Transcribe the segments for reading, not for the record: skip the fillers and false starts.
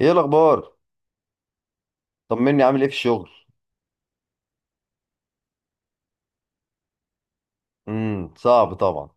ايه الاخبار؟ طمني، عامل ايه في الشغل؟ صعب طبعا.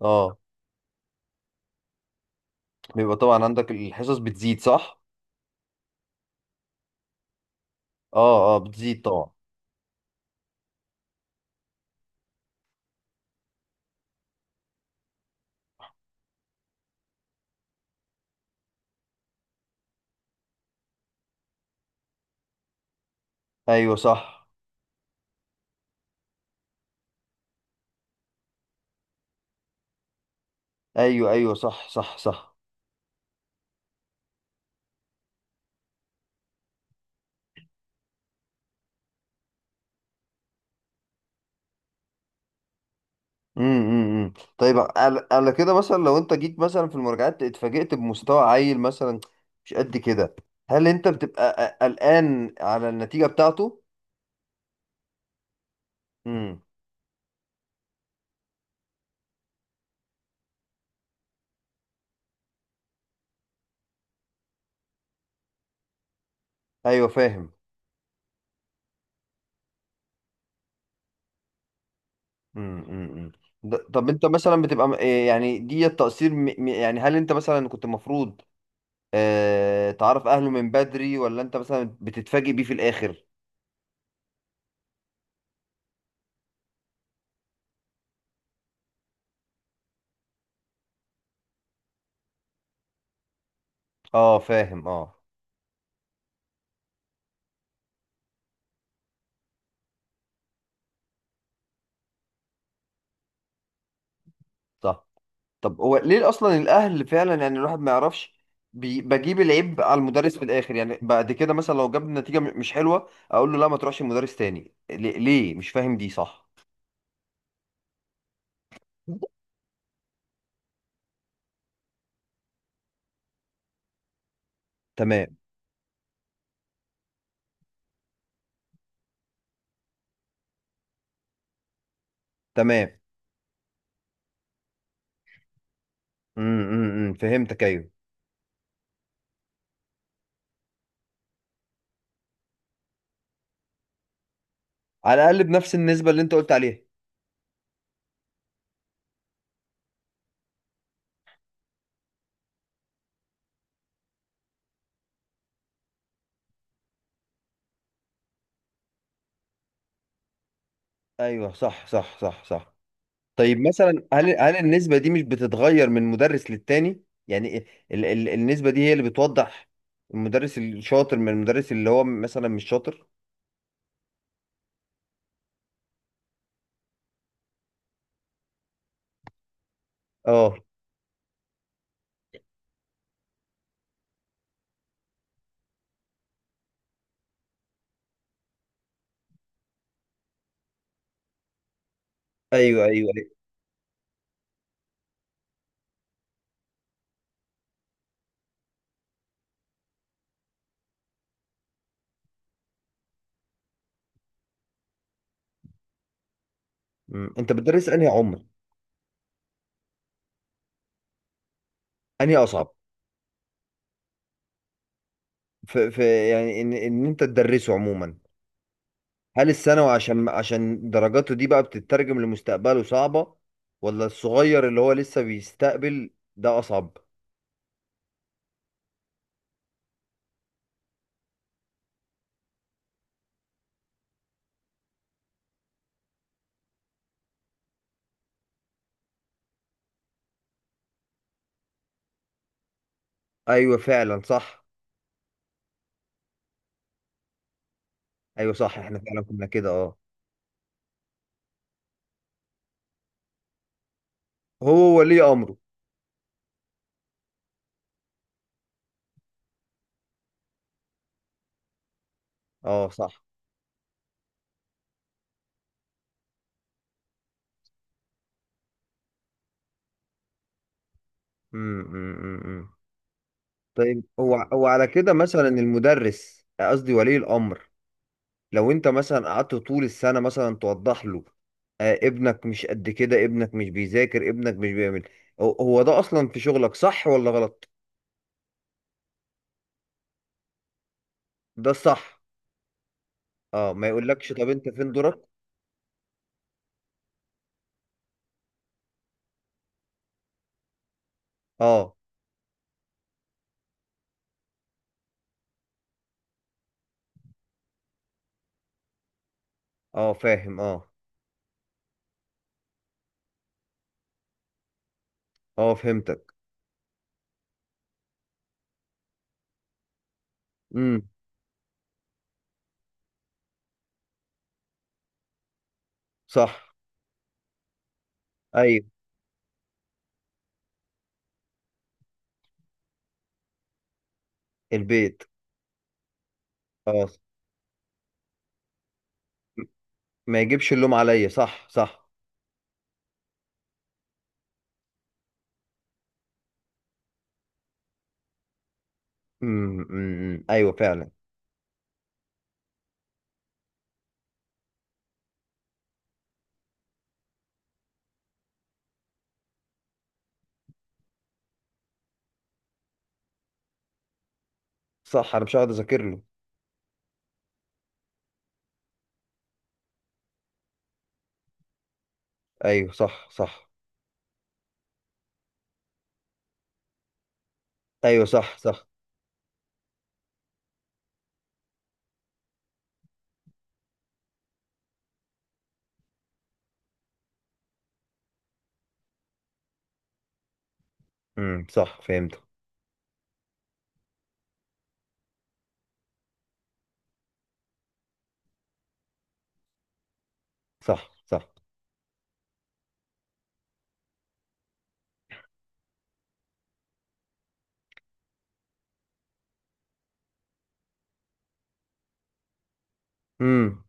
اه، بيبقى طبعا عندك الحصص بتزيد، صح؟ اه، اه، بتزيد طبعا. ايوه، صح. ايوه، ايوه، صح، صح، صح. طيب، على كده مثلا لو انت جيت مثلا في المراجعات، اتفاجئت بمستوى عيل مثلا، مش قد كده. هل انت بتبقى قلقان على النتيجة بتاعته؟ امم. ايوه، فاهم. امم امم طب انت مثلا بتبقى إيه يعني، دي التقصير؟ يعني هل انت مثلا كنت المفروض تعرف اهله من بدري، ولا انت مثلا بتتفاجئ بيه في الاخر؟ اه، فاهم، اه. صح. طب هو ليه اصلا؟ الاهل فعلا يعني الواحد ما يعرفش، بجيب العيب على المدرس في الاخر. يعني بعد كده مثلا لو جاب نتيجة مش حلوة، اقول له لا ما تروحش المدرس تاني، ليه ليه؟ مش فاهم، دي صح. تمام. تمام. أمم، أمم، فهمتك، ايوه. على الاقل بنفس النسبة اللي انت قلت عليها. ايوه، صح، صح، صح، صح. طيب مثلا، هل النسبة دي مش بتتغير من مدرس للتاني؟ يعني ال ال النسبة دي هي اللي بتوضح المدرس الشاطر من المدرس اللي هو مثلا مش شاطر؟ اه، ايوه، ايوه، ايوه. انت بتدرس انهي عمر؟ انهي اصعب؟ في يعني ان انت تدرسه عموما. هل الثانوي عشان درجاته دي بقى بتترجم لمستقبله صعبة، ولا الصغير اللي هو لسه بيستقبل ده اصعب؟ ايوه، فعلا، صح. ايوه، صح، احنا فعلا كنا كده، اه. هو ولي امره. اه، صح. امم، امم، أمم. طيب، هو على كده مثلا المدرس، قصدي ولي الامر، لو انت مثلا قعدت طول السنه مثلا توضح له، ابنك مش قد كده، ابنك مش بيذاكر، ابنك مش بيعمل، هو ده اصلا في شغلك، صح ولا غلط؟ ده الصح. اه، ما يقولكش طب انت فين دورك؟ اه، اه، فاهم، اه. اه، فهمتك. امم، صح. ايوه. البيت. اه، ما يجيبش اللوم عليا، صح، صح. امم، أمم، أمم. ايوه، فعلا، صح. انا مش هقعد اذاكر له. ايوه، صح، صح. ايوه، صح، صح. امم، صح، فهمت. صح، صح. امم.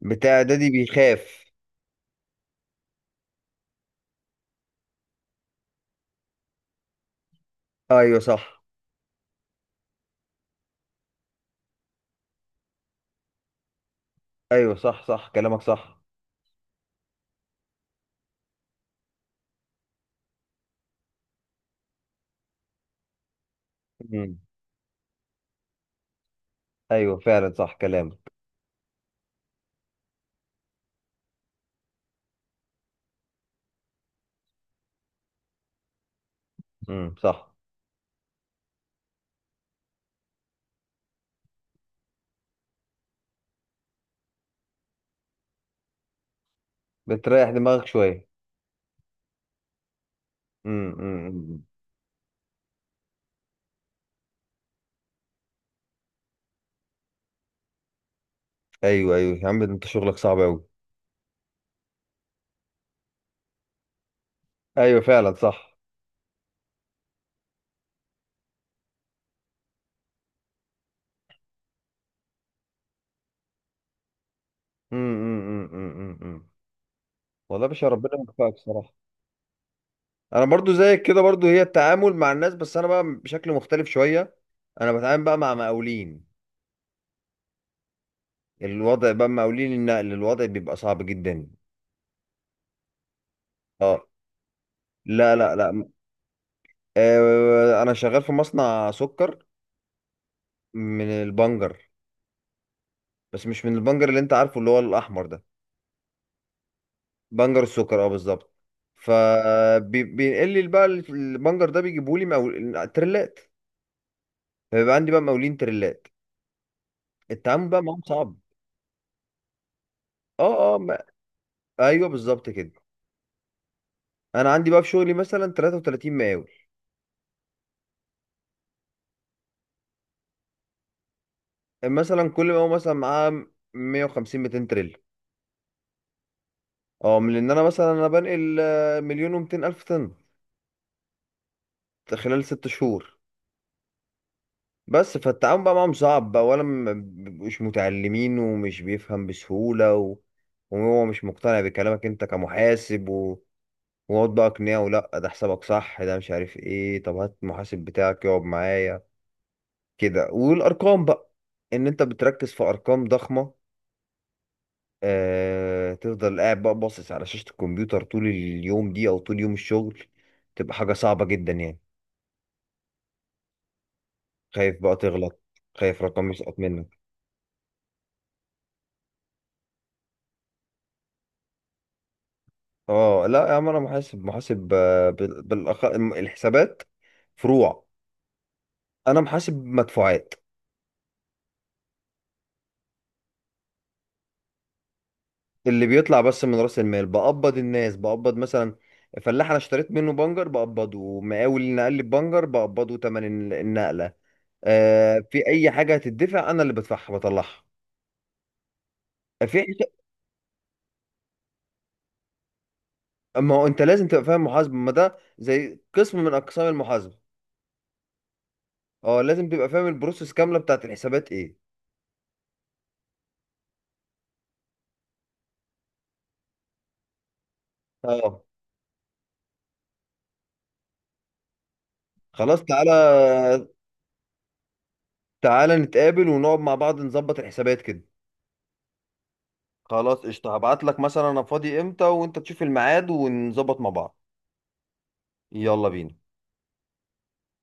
بتاع ده، دي بيخاف. ايوه، صح. ايوه، صح، صح، كلامك صح. امم. ايوه، فعلا، صح كلامك. امم، صح. بتريح دماغك شويه؟ امم، أمم، أمم. ايوه، ايوه، يا عم انت شغلك صعب قوي. ايوه، فعلا، صح. امم، أمم، أمم، أمم، أمم. والله يا باشا ربنا يوفقك صراحه. انا برضو زيك كده، برضو هي التعامل مع الناس، بس انا بقى بشكل مختلف شويه. انا بتعامل بقى مع مقاولين. الوضع بقى مقاولين النقل، الوضع بيبقى صعب جدا. اه. لا، لا، لا. انا شغال في مصنع سكر. من البنجر. بس مش من البنجر اللي انت عارفه، اللي هو الاحمر ده. بنجر السكر، اه، بالظبط. فبينقل لي بقى البنجر ده، بيجيبوا لي مقاول تريلات. فبيبقى عندي بقى مقاولين تريلات. التعامل بقى معاهم صعب. اه، اه، ما. ايوه، بالظبط كده. انا عندي بقى في شغلي مثلا 33 مقاول. مثلا كل مقاول مثلا معاه 150، 200 تريلا. اه، من ان انا مثلا انا بنقل 1,200,000 طن، خلال 6 شهور. بس فالتعامل بقى معاهم صعب بقى، ولا مش متعلمين ومش بيفهم بسهولة، و وهو مش مقتنع بكلامك انت كمحاسب، و ويقعد بقى اقنعه، لا ده حسابك صح، ده مش عارف ايه، طب هات المحاسب بتاعك يقعد معايا كده. والارقام بقى، ان انت بتركز في ارقام ضخمة، تفضل قاعد بقى باصص على شاشة الكمبيوتر طول اليوم دي، او طول يوم الشغل، تبقى حاجة صعبة جدا يعني. خايف بقى تغلط، خايف رقم يسقط منك. اه، لا يا عم، انا محاسب محاسب. الحسابات فروع. انا محاسب مدفوعات. اللي بيطلع بس من راس المال، بقبض الناس، بقبض مثلا فلاح انا اشتريت منه بنجر بقبضه، مقاول اللي نقل لي بنجر بقبضه تمن النقله. في اي حاجه هتدفع، انا اللي بدفعها بطلعها. في حس- ما هو انت لازم تبقى فاهم محاسبه، ما ده زي قسم من اقسام المحاسبه. اه، لازم تبقى فاهم البروسيس كامله بتاعت الحسابات ايه. اه، خلاص تعالى. تعالى نتقابل ونقعد مع بعض، نظبط الحسابات كده. خلاص قشطة، هبعت لك مثلا انا فاضي امتى، وانت تشوف الميعاد ونظبط مع بعض. يلا بينا.